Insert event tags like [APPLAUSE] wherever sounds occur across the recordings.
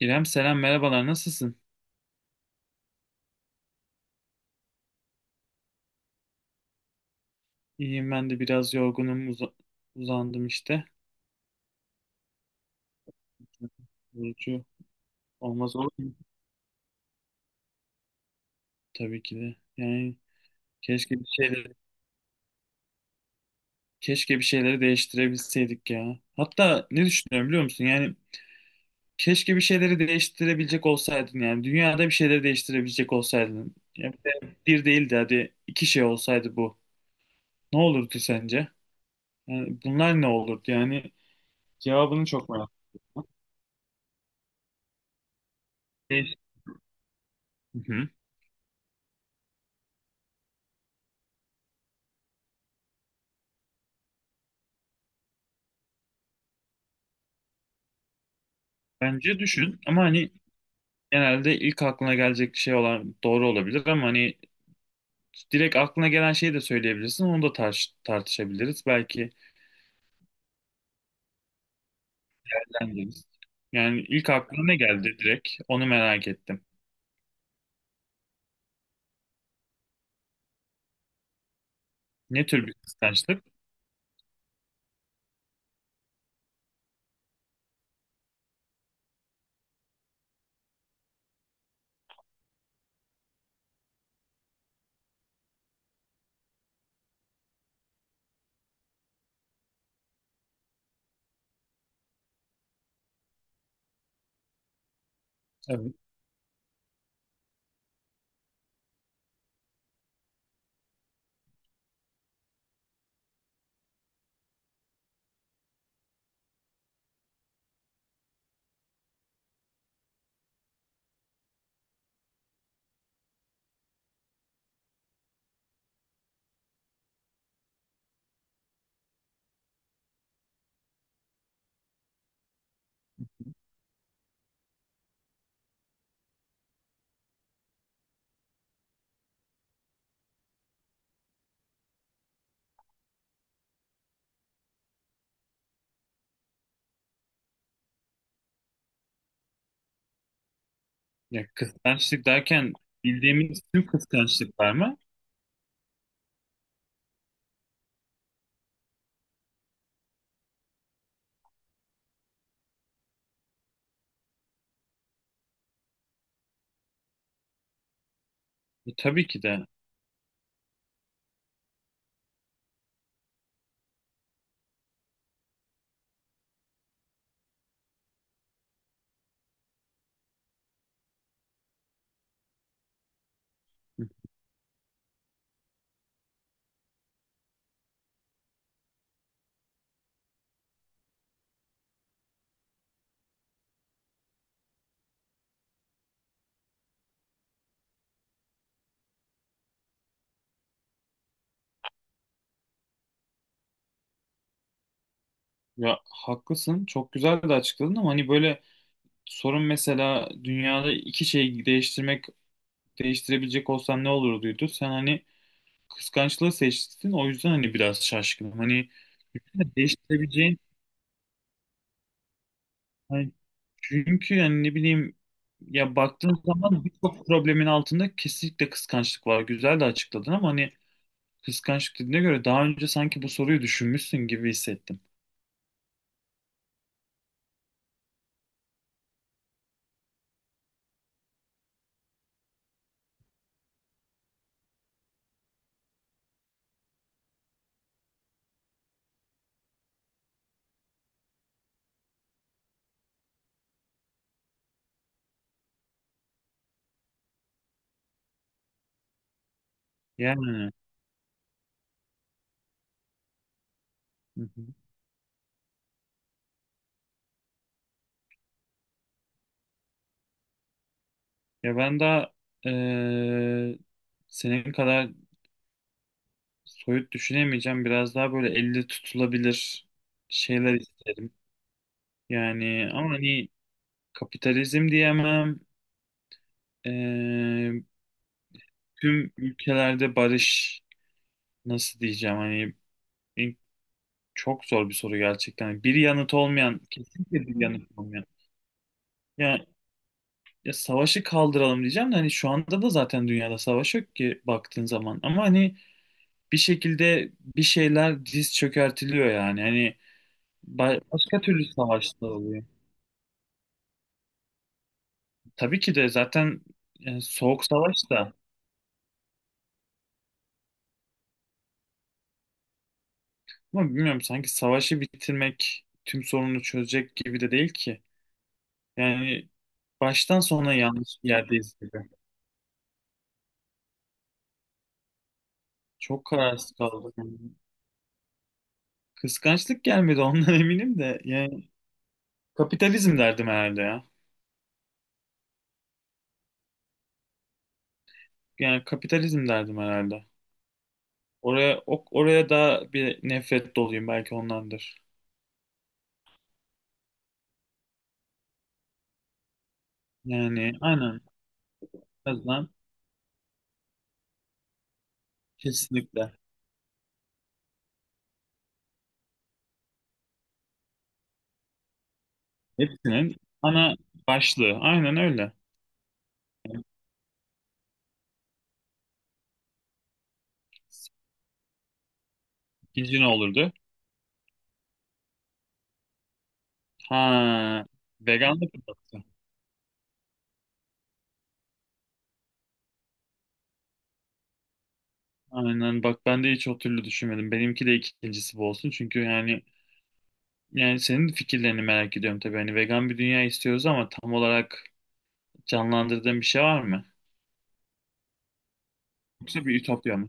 İrem selam merhabalar nasılsın? İyiyim ben de biraz yorgunum uzandım işte. Yorucu olmaz olur mu? Tabii ki de. Yani keşke bir şeyleri keşke bir şeyleri değiştirebilseydik ya. Hatta ne düşünüyorum biliyor musun? Yani keşke bir şeyleri değiştirebilecek olsaydın yani dünyada bir şeyleri değiştirebilecek olsaydın. Yani bir de bir değil de hadi iki şey olsaydı bu. Ne olurdu sence? Yani bunlar ne olurdu? Yani cevabını çok merak ediyorum. Değiş- Hı hı. Bence düşün ama hani genelde ilk aklına gelecek şey olan doğru olabilir ama hani direkt aklına gelen şeyi de söyleyebilirsin. Onu da tartışabiliriz. Belki eğleniriz. Yani ilk aklına ne geldi direkt? Onu merak ettim. Ne tür bir kıskançlık? Tabii. Ya kıskançlık derken bildiğimiz tüm kıskançlıklar mı? Tabii ki de. Ya haklısın. Çok güzel de açıkladın ama hani böyle sorun mesela dünyada iki şeyi değiştirmek değiştirebilecek olsan ne olurduydu? Sen hani kıskançlığı seçtin. O yüzden hani biraz şaşkınım. Hani değiştirebileceğin hani çünkü yani ne bileyim, ya baktığın zaman birçok problemin altında kesinlikle kıskançlık var. Güzel de açıkladın ama hani kıskançlık dediğine göre daha önce sanki bu soruyu düşünmüşsün gibi hissettim. Yani hı hı, ya ben daha eee, senin kadar soyut düşünemeyeceğim. Biraz daha böyle elle tutulabilir şeyler isterim. Yani ama hani kapitalizm diyemem. Eee, tüm ülkelerde barış, nasıl diyeceğim, hani in- çok zor bir soru gerçekten. Hani bir yanıt olmayan, kesinlikle bir yanıt olmayan. Ya, ya, savaşı kaldıralım diyeceğim de hani şu anda da zaten dünyada savaş yok ki baktığın zaman. Ama hani bir şekilde bir şeyler diz çökertiliyor yani. Hani başka türlü savaşlar oluyor. Tabii ki de zaten soğuk savaş da, ama bilmiyorum, sanki savaşı bitirmek tüm sorunu çözecek gibi de değil ki. Yani baştan sona yanlış bir yerdeyiz gibi. Çok kararsız kaldık. Yani kıskançlık gelmedi ondan [LAUGHS] eminim de. Yani kapitalizm derdim herhalde ya. Yani kapitalizm derdim herhalde. Oraya da bir nefret doluyum, belki ondandır. Yani aynen. Kazan, kesinlikle. Hepsinin ana başlığı. Aynen öyle. İkinci ne olurdu? Ha, veganlık mı? Aynen bak, ben de hiç o türlü düşünmedim. Benimki de ikincisi bu olsun. Çünkü yani senin fikirlerini merak ediyorum tabii. Hani vegan bir dünya istiyoruz ama tam olarak canlandırdığın bir şey var mı? Yoksa bir ütopya mı?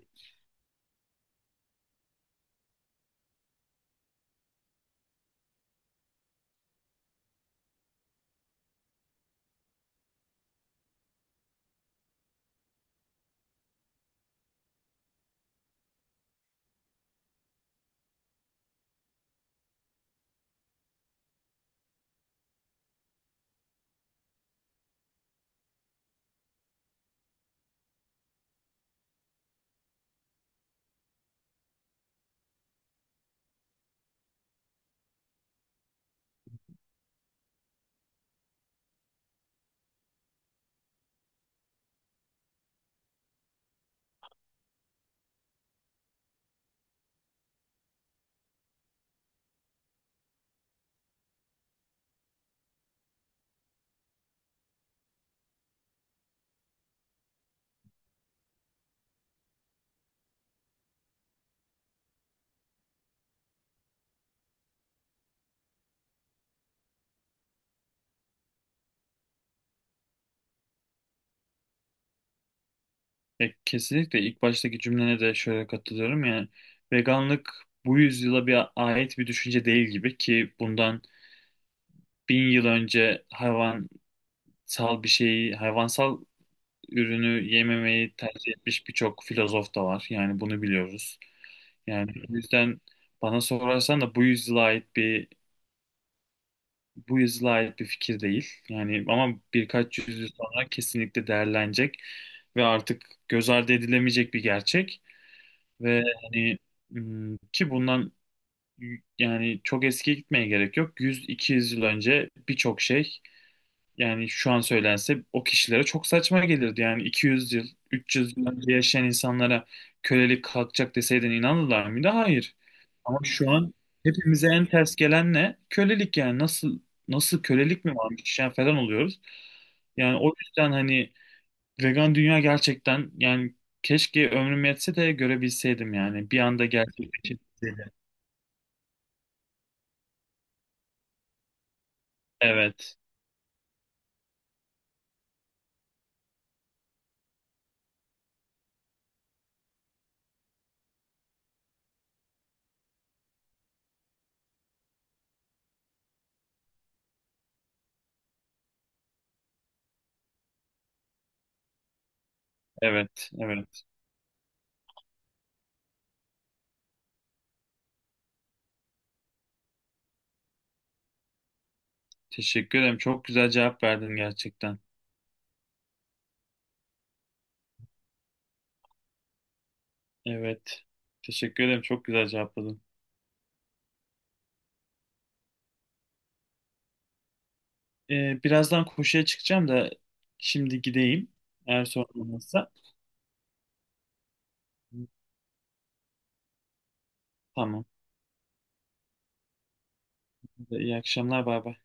Kesinlikle ilk baştaki cümlene de şöyle katılıyorum. Yani veganlık bu yüzyıla bir ait bir düşünce değil gibi, ki bundan 1000 yıl önce hayvansal bir şeyi, hayvansal ürünü yememeyi tercih etmiş birçok filozof da var. Yani bunu biliyoruz. Yani o yüzden bana sorarsan da bu yüzyıla ait bir fikir değil. Yani ama birkaç yüzyıl sonra kesinlikle değerlenecek ve artık göz ardı edilemeyecek bir gerçek. Ve hani ki bundan, yani çok eskiye gitmeye gerek yok. 100-200 yıl önce birçok şey, yani şu an söylense o kişilere çok saçma gelirdi. Yani 200 yıl, 300 yıl önce yaşayan insanlara kölelik kalkacak deseydin, inanırlar mıydı? Hayır. Ama şu an hepimize en ters gelen ne? Kölelik. Yani nasıl kölelik mi varmış yani falan oluyoruz. Yani o yüzden hani vegan dünya gerçekten, yani keşke ömrüm yetse de görebilseydim, yani bir anda gerçekleşebilseydi. Evet, evet, evet. Teşekkür ederim. Çok güzel cevap verdin gerçekten. Evet. Teşekkür ederim. Çok güzel cevapladın. Birazdan koşuya çıkacağım da şimdi gideyim. Eğer sorun olmazsa. Tamam. İyi akşamlar. Bay bay.